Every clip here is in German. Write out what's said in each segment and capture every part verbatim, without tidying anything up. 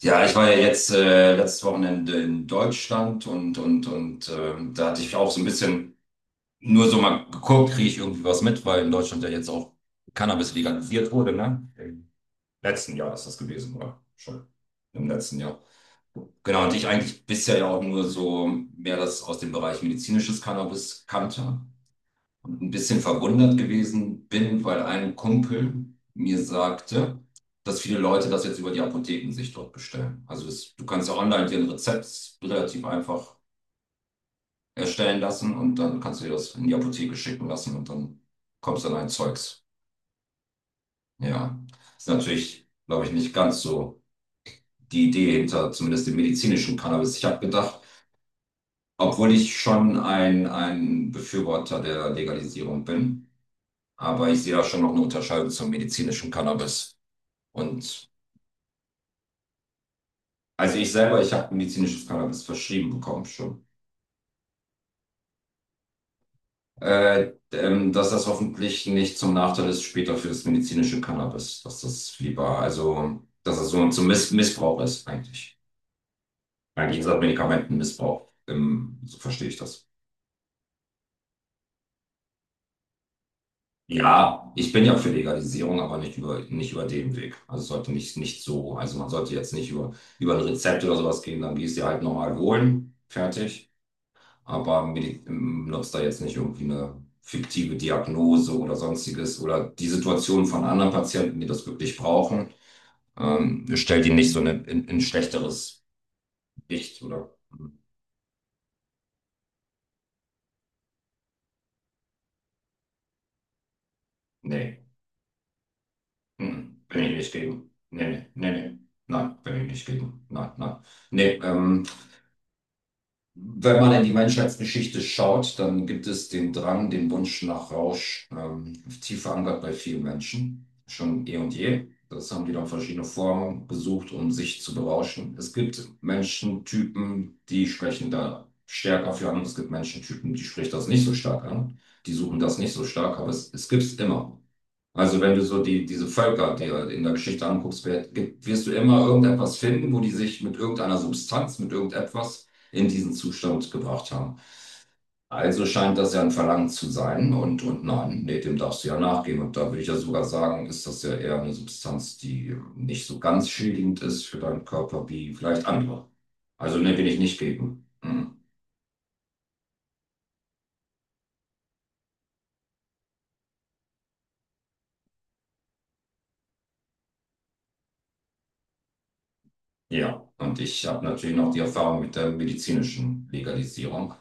Ja, ich war ja jetzt äh, letztes Wochenende in Deutschland und und und ähm, da hatte ich auch so ein bisschen nur so mal geguckt, kriege ich irgendwie was mit, weil in Deutschland ja jetzt auch Cannabis legalisiert wurde, ne? Im letzten Jahr ist das gewesen, oder? Schon im letzten Jahr. Genau, und ich eigentlich bisher ja auch nur so mehr das aus dem Bereich medizinisches Cannabis kannte und ein bisschen verwundert gewesen bin, weil ein Kumpel mir sagte, dass viele Leute das jetzt über die Apotheken sich dort bestellen. Also es, du kannst ja online dir ein Rezept relativ einfach erstellen lassen und dann kannst du dir das in die Apotheke schicken lassen und dann kommst dann ein Zeugs. Ja, ist natürlich, glaube ich, nicht ganz so die Idee hinter zumindest dem medizinischen Cannabis. Ich habe gedacht, obwohl ich schon ein, ein Befürworter der Legalisierung bin, aber ich sehe da schon noch eine Unterscheidung zum medizinischen Cannabis. Und also ich selber, ich habe medizinisches Cannabis verschrieben bekommen schon. Äh, ähm, dass das hoffentlich nicht zum Nachteil ist später für das medizinische Cannabis, dass das lieber, also dass es so zum Miss Missbrauch ist eigentlich. Eigentlich ist das Medikamentenmissbrauch, ähm, so verstehe ich das. Ja, ich bin ja für Legalisierung, aber nicht über, nicht über den Weg. Also es sollte nicht, nicht so, also man sollte jetzt nicht über, über ein Rezept oder sowas gehen, dann gehst du dir halt normal holen, fertig. Aber Medi- nutzt da jetzt nicht irgendwie eine fiktive Diagnose oder sonstiges oder die Situation von anderen Patienten, die das wirklich brauchen, ähm, stellt die nicht so eine, in, in ein schlechteres Licht oder. Nee, mm, bin ich nicht gegen. Nee, nee, nee, nee. Nein, bin ich nicht gegen. Nein, nein. Nee, ähm, wenn man in die Menschheitsgeschichte schaut, dann gibt es den Drang, den Wunsch nach Rausch, ähm, tief verankert bei vielen Menschen, schon eh und je. Das haben die dann verschiedene Formen gesucht, um sich zu berauschen. Es gibt Menschentypen, die sprechen da stärker für an. Es gibt Menschentypen, die sprechen das nicht so stark an. Die suchen das nicht so stark, aber es, es gibt es immer. Also wenn du so die, diese Völker dir in der Geschichte anguckst, wer- gibt- wirst du immer irgendetwas finden, wo die sich mit irgendeiner Substanz, mit irgendetwas in diesen Zustand gebracht haben. Also scheint das ja ein Verlangen zu sein und, und nein, nee, dem darfst du ja nachgehen. Und da würde ich ja sogar sagen, ist das ja eher eine Substanz, die nicht so ganz schädigend ist für deinen Körper wie vielleicht andere. Also nee, will ich nicht geben. Hm. Ja, und ich habe natürlich noch die Erfahrung mit der medizinischen Legalisierung.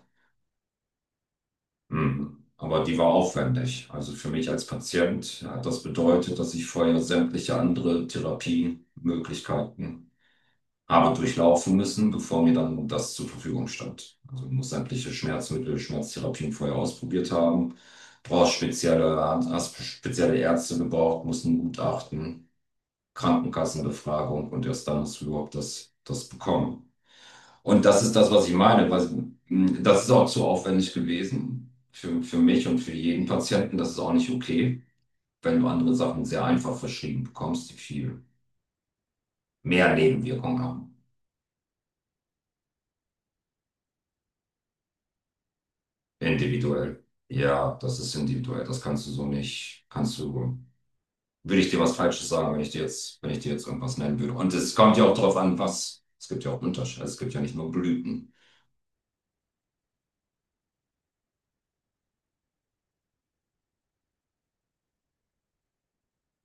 Mhm. Aber die war aufwendig. Also für mich als Patient hat das bedeutet, dass ich vorher sämtliche andere Therapiemöglichkeiten habe durchlaufen müssen, bevor mir dann das zur Verfügung stand. Also ich muss sämtliche Schmerzmittel, Schmerztherapien vorher ausprobiert haben, brauchst spezielle, hast spezielle Ärzte gebraucht, musst ein Gutachten, Krankenkassenbefragung und erst dann hast du überhaupt das, das bekommen. Und das ist das, was ich meine. Weil, mh, das ist auch zu aufwendig gewesen für, für mich und für jeden Patienten. Das ist auch nicht okay, wenn du andere Sachen sehr einfach verschrieben bekommst, die viel mehr Nebenwirkungen haben. Individuell. Ja, das ist individuell. Das kannst du so nicht, kannst du, würde ich dir was Falsches sagen, wenn ich dir jetzt, wenn ich dir jetzt irgendwas nennen würde. Und es kommt ja auch darauf an, was, es gibt ja auch Unterschiede. Also es gibt ja nicht nur Blüten.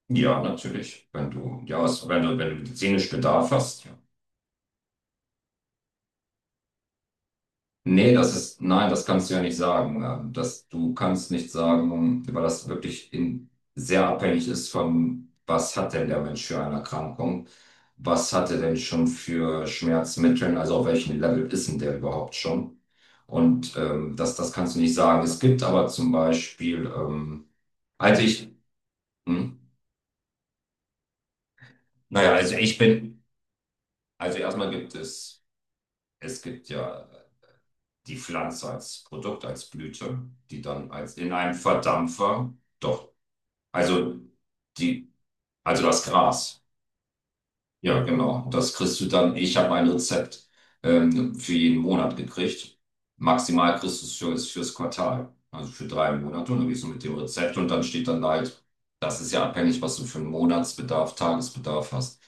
Ja, natürlich. Wenn du, ja, es- wenn du, wenn du medizinisch Bedarf hast, ja. Nee, das ist, nein, das kannst du ja nicht sagen. ähm, Das, du kannst nicht sagen, weil das wirklich in, sehr abhängig ist von, was hat denn der Mensch für eine Erkrankung? Was hatte denn schon für Schmerzmittel? Also auf welchem Level ist denn der überhaupt schon? Und ähm, das, das kannst du nicht sagen. Es gibt aber zum Beispiel, ähm, also ich, hm, naja, also ich bin, also erstmal gibt es, es gibt ja die Pflanze als Produkt, als Blüte, die dann als in einem Verdampfer, doch, also die, also das Gras. Ja, genau. Das kriegst du dann, ich habe ein Rezept ähm, für jeden Monat gekriegt. Maximal kriegst du es für, ist fürs Quartal, also für drei Monate. Und dann gehst du mit dem Rezept und dann steht dann halt, das ist ja abhängig, was du für einen Monatsbedarf, Tagesbedarf hast.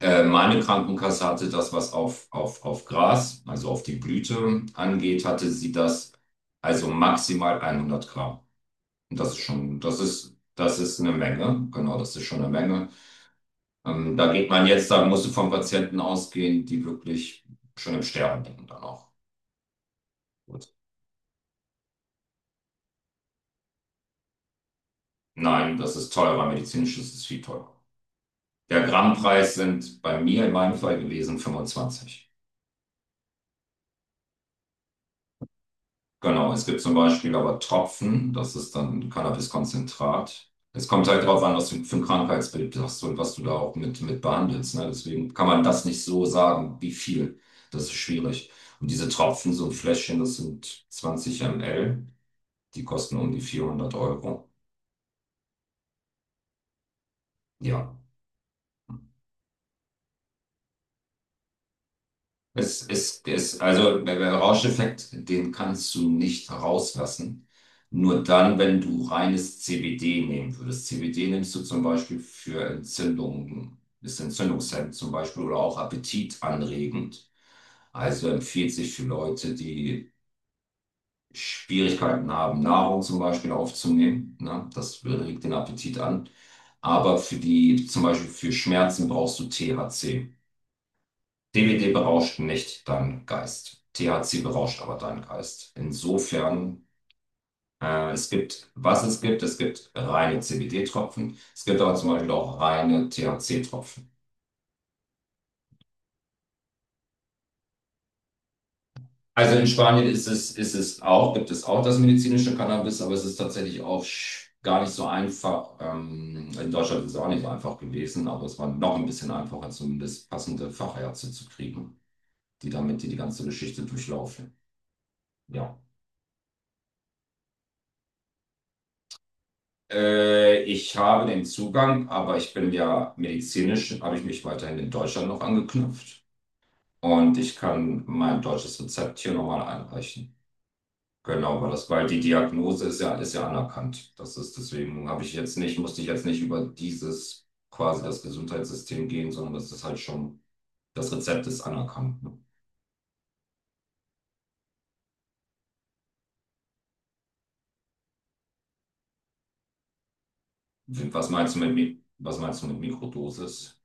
Äh, Meine Krankenkasse hatte das, was auf, auf, auf Gras, also auf die Blüte angeht, hatte sie das also maximal hundert Gramm. Und das ist schon, das ist, das ist eine Menge. Genau, das ist schon eine Menge. Ähm, da geht man jetzt, da musst du von Patienten ausgehen, die wirklich schon im Sterben liegen dann auch. Gut. Nein, das ist teurer. Medizinisch ist es viel teurer. Der Grammpreis sind bei mir in meinem Fall gewesen fünfundzwanzig. Genau, es gibt zum Beispiel aber Tropfen, das ist dann Cannabiskonzentrat. Es kommt halt darauf an, was du für ein Krankheitsbild hast und was du da auch mit, mit behandelst. Ne? Deswegen kann man das nicht so sagen, wie viel. Das ist schwierig. Und diese Tropfen, so ein Fläschchen, das sind zwanzig Milliliter, die kosten um die vierhundert Euro. Ja, es ist, es, also der der Rauscheffekt, den kannst du nicht rauslassen. Nur dann, wenn du reines C B D nehmen würdest. C B D nimmst du zum Beispiel für Entzündungen, ist entzündungshemmend zum Beispiel oder auch appetitanregend. Also empfiehlt sich für Leute, die Schwierigkeiten haben, Nahrung zum Beispiel aufzunehmen. Ne? Das regt den Appetit an. Aber für die, zum Beispiel für Schmerzen brauchst du T H C. C B D berauscht nicht deinen Geist. T H C berauscht aber deinen Geist. Insofern, äh, es gibt, was es gibt, es gibt reine C B D-Tropfen. Es gibt aber zum Beispiel auch reine T H C-Tropfen. Also in Spanien ist es, ist es auch, gibt es auch das medizinische Cannabis, aber es ist tatsächlich auch sch- gar nicht so einfach. Ähm, in Deutschland ist es auch nicht so einfach gewesen, aber es war noch ein bisschen einfacher, zumindest passende Fachärzte zu kriegen, die damit die, die ganze Geschichte durchlaufen. Ja. Äh, ich habe den Zugang, aber ich bin ja medizinisch, habe ich mich weiterhin in Deutschland noch angeknüpft. Und ich kann mein deutsches Rezept hier nochmal einreichen. Genau, weil das, weil die Diagnose ist ja, ist ja anerkannt. Das ist deswegen habe ich jetzt nicht, musste ich jetzt nicht über dieses quasi das Gesundheitssystem gehen, sondern das ist halt schon, das Rezept ist anerkannt. Ne? Was meinst du mit, Mi- was meinst du mit Mikrodosis?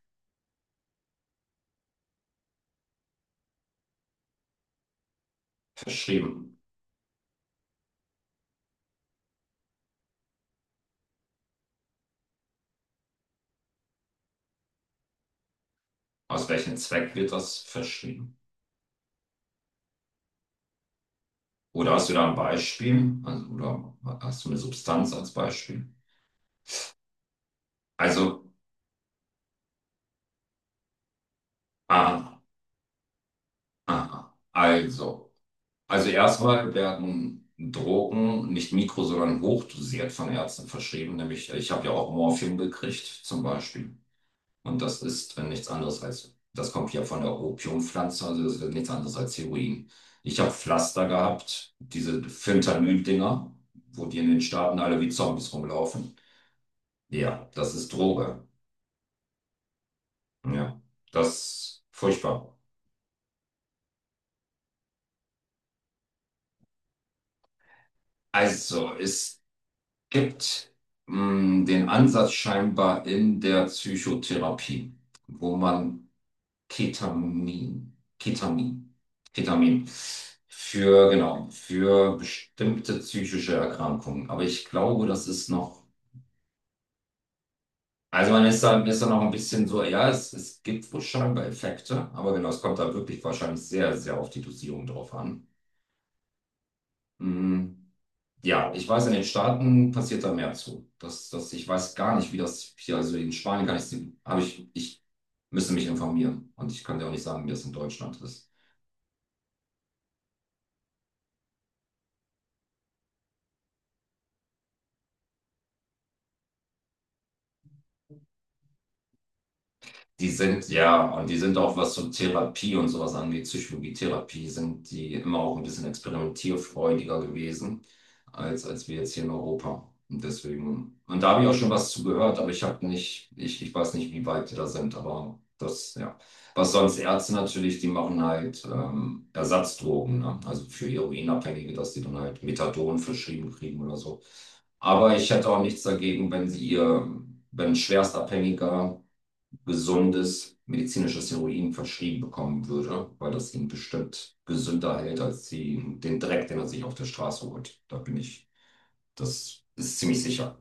Verschrieben. Aus welchem Zweck wird das verschrieben? Oder hast du da ein Beispiel? Also, oder hast du eine Substanz als Beispiel? Also, ah, ah, ah. also. Also erstmal werden Drogen nicht mikro, sondern hochdosiert von Ärzten verschrieben. Nämlich, ich habe ja auch Morphium gekriegt, zum Beispiel. Und das ist äh, nichts anderes als, das kommt ja von der Opiumpflanze, also das ist nichts anderes als Heroin. Ich habe Pflaster gehabt, diese Fentanyl-Dinger, wo die in den Staaten alle wie Zombies rumlaufen. Ja, das ist Droge. Ja, das ist furchtbar. Also, es gibt mh, den Ansatz scheinbar in der Psychotherapie, wo man Ketamin, Ketamin, Ketamin für, genau, für bestimmte psychische Erkrankungen. Aber ich glaube, das ist noch, also man ist da, ist da noch ein bisschen so, ja, es, es gibt wohl scheinbar Effekte, aber genau, es kommt da wirklich wahrscheinlich sehr, sehr auf die Dosierung drauf an. Mm, ja, ich weiß, in den Staaten passiert da mehr zu. Das, das, ich weiß gar nicht, wie das hier, also in Spanien kann ich, habe ich, ich müsste mich informieren. Und ich kann dir auch nicht sagen, wie das in Deutschland ist. Die sind, ja, und die sind auch, was so Therapie und sowas angeht, Psychologietherapie, sind die immer auch ein bisschen experimentierfreudiger gewesen, als, als wir jetzt hier in Europa. Und deswegen, und da habe ich auch schon was zu gehört, aber ich habe nicht, ich, ich weiß nicht, wie weit die da sind, aber das, ja. Was sonst Ärzte natürlich, die machen halt ähm, Ersatzdrogen, ne? Also für Heroinabhängige, dass die dann halt Methadon verschrieben kriegen oder so. Aber ich hätte auch nichts dagegen, wenn sie ihr, wenn ein Schwerstabhängiger gesundes medizinisches Heroin verschrieben bekommen würde, weil das ihn bestimmt gesünder hält als die, den Dreck, den er sich auf der Straße holt. Da bin ich, das ist ziemlich sicher.